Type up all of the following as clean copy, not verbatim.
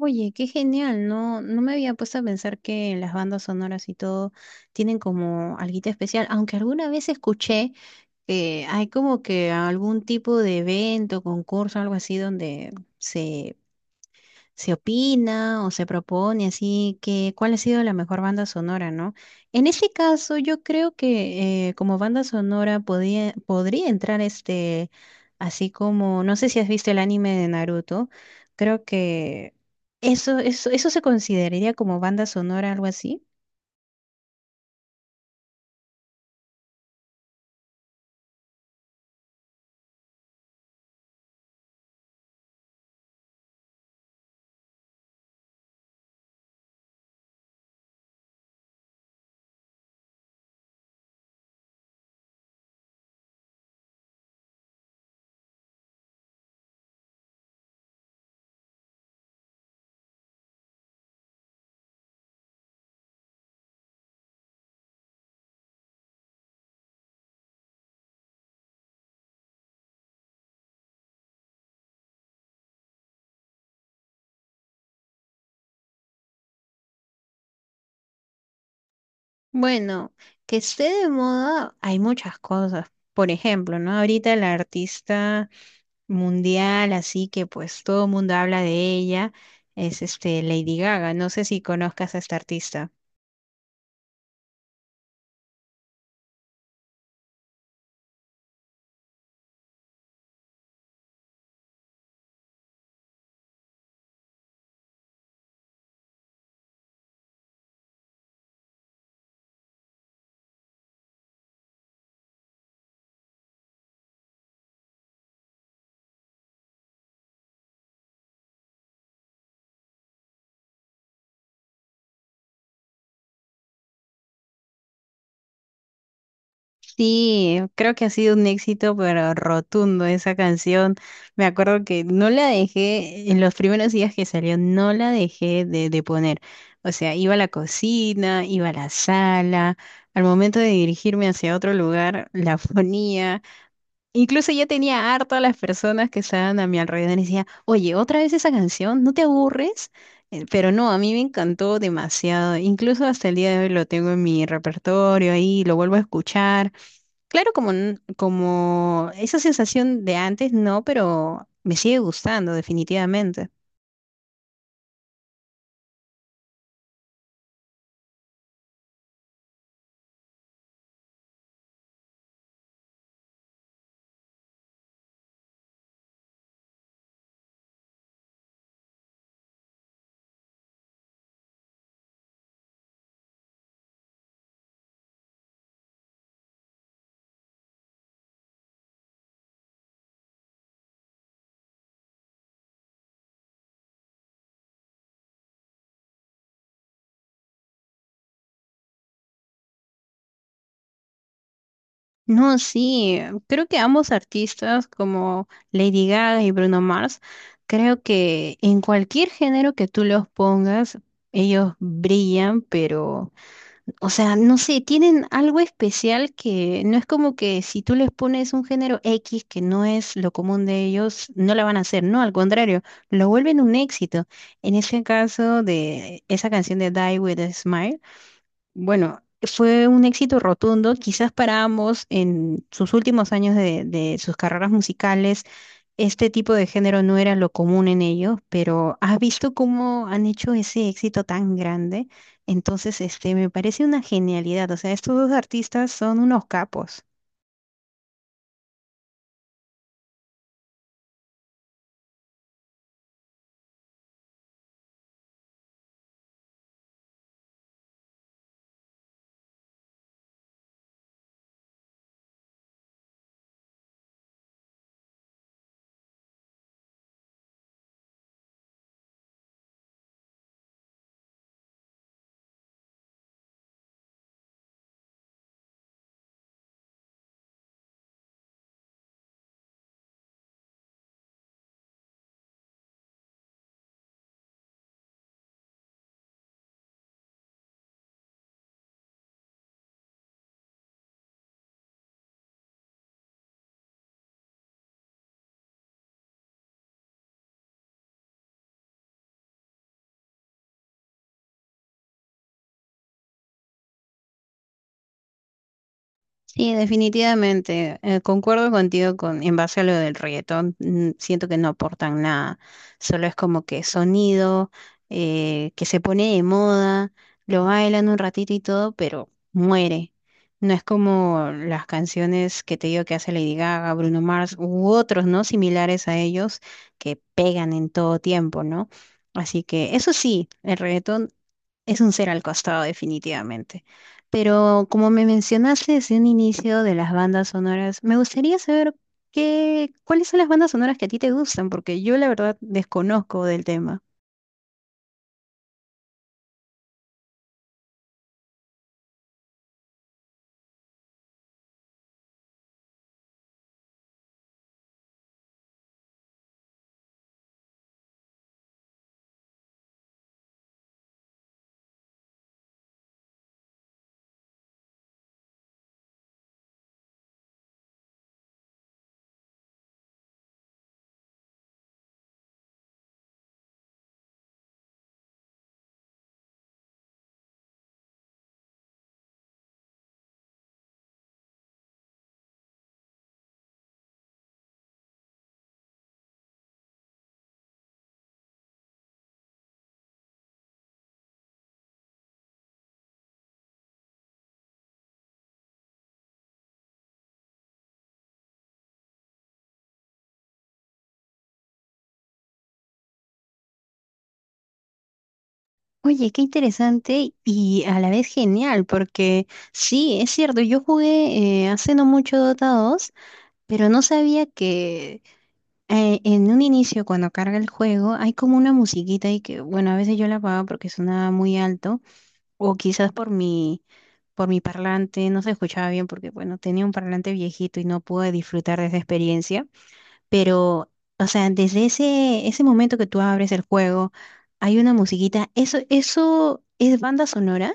Oye, qué genial, no, no me había puesto a pensar que las bandas sonoras y todo tienen como alguito especial, aunque alguna vez escuché que hay como que algún tipo de evento, concurso, algo así, donde se opina o se propone, así que cuál ha sido la mejor banda sonora, ¿no? En ese caso, yo creo que como banda sonora podría entrar este, así como, no sé si has visto el anime de Naruto, creo que eso se consideraría como banda sonora, algo así. Bueno, que esté de moda, hay muchas cosas. Por ejemplo, ¿no? Ahorita el artista mundial, así que pues todo el mundo habla de ella, es este Lady Gaga. No sé si conozcas a esta artista. Sí, creo que ha sido un éxito, pero rotundo esa canción. Me acuerdo que no la dejé, en los primeros días que salió, no la dejé de poner. O sea, iba a la cocina, iba a la sala, al momento de dirigirme hacia otro lugar, la ponía. Incluso yo tenía harto a las personas que estaban a mi alrededor y decía, oye, otra vez esa canción, ¿no te aburres? Pero no, a mí me encantó demasiado. Incluso hasta el día de hoy lo tengo en mi repertorio ahí, lo vuelvo a escuchar. Claro, como, como esa sensación de antes, no, pero me sigue gustando definitivamente. No, sí, creo que ambos artistas como Lady Gaga y Bruno Mars, creo que en cualquier género que tú los pongas, ellos brillan, pero, o sea, no sé, tienen algo especial que no es como que si tú les pones un género X que no es lo común de ellos, no la van a hacer, no, al contrario, lo vuelven un éxito. En ese caso, de esa canción de Die With a Smile. Bueno, fue un éxito rotundo, quizás para ambos en sus últimos años de sus carreras musicales. Este tipo de género no era lo común en ellos, pero has visto cómo han hecho ese éxito tan grande. Entonces, este, me parece una genialidad. O sea, estos dos artistas son unos capos. Sí, definitivamente. Concuerdo contigo en base a lo del reggaetón. Siento que no aportan nada. Solo es como que sonido, que se pone de moda, lo bailan un ratito y todo, pero muere. No es como las canciones que te digo que hace Lady Gaga, Bruno Mars u otros, ¿no? Similares a ellos, que pegan en todo tiempo, ¿no? Así que eso sí, el reggaetón es un ser al costado, definitivamente. Pero como me mencionaste desde un inicio de las bandas sonoras, me gustaría saber cuáles son las bandas sonoras que a ti te gustan, porque yo la verdad desconozco del tema. Oye, qué interesante y a la vez genial, porque sí, es cierto, yo jugué hace no mucho Dota 2, pero no sabía que en un inicio, cuando carga el juego, hay como una musiquita y que, bueno, a veces yo la apago porque sonaba muy alto. O quizás por mi parlante no se escuchaba bien porque, bueno, tenía un parlante viejito y no pude disfrutar de esa experiencia. Pero, o sea, desde ese momento que tú abres el juego, hay una musiquita. Eso es banda sonora.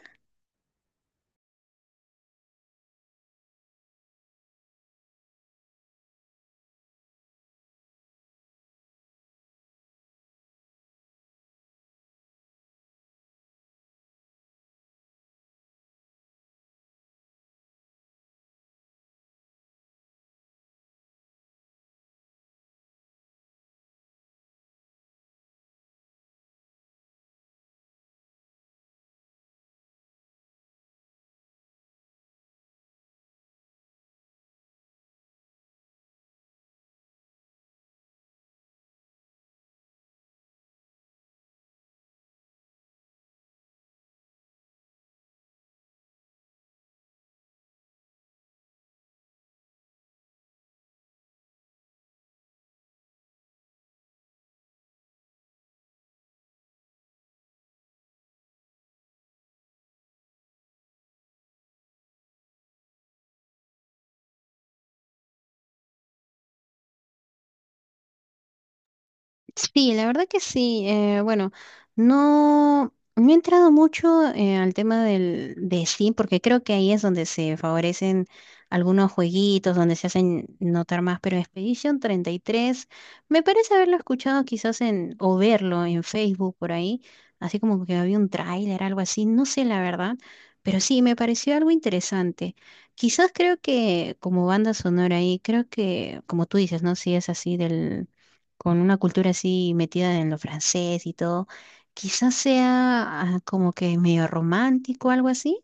Sí, la verdad que sí. Bueno, no, no he entrado mucho al tema de Steam, porque creo que ahí es donde se favorecen algunos jueguitos, donde se hacen notar más, pero Expedition 33, me parece haberlo escuchado quizás en, o verlo en Facebook por ahí, así como que había un tráiler, algo así, no sé la verdad, pero sí, me pareció algo interesante. Quizás creo que como banda sonora ahí, creo que, como tú dices, ¿no? Si es así, del con una cultura así metida en lo francés y todo, quizás sea ah, como que medio romántico, algo así.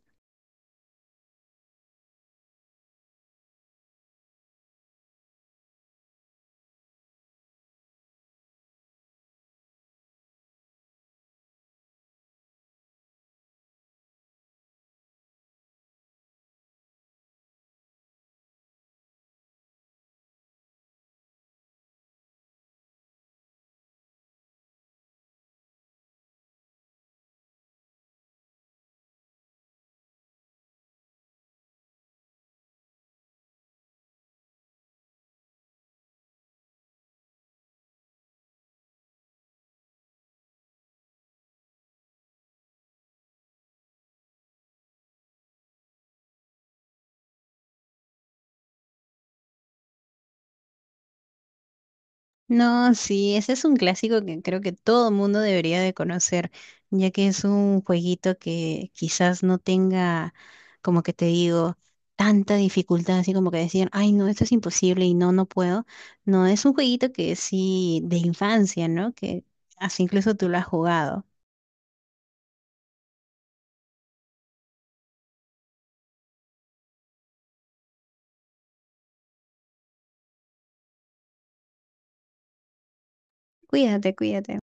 No, sí, ese es un clásico que creo que todo mundo debería de conocer, ya que es un jueguito que quizás no tenga, como que te digo, tanta dificultad, así como que decir, ay, no, esto es imposible y no, no puedo. No, es un jueguito que sí, de infancia, ¿no? Que así incluso tú lo has jugado. Cuídate, cuídate.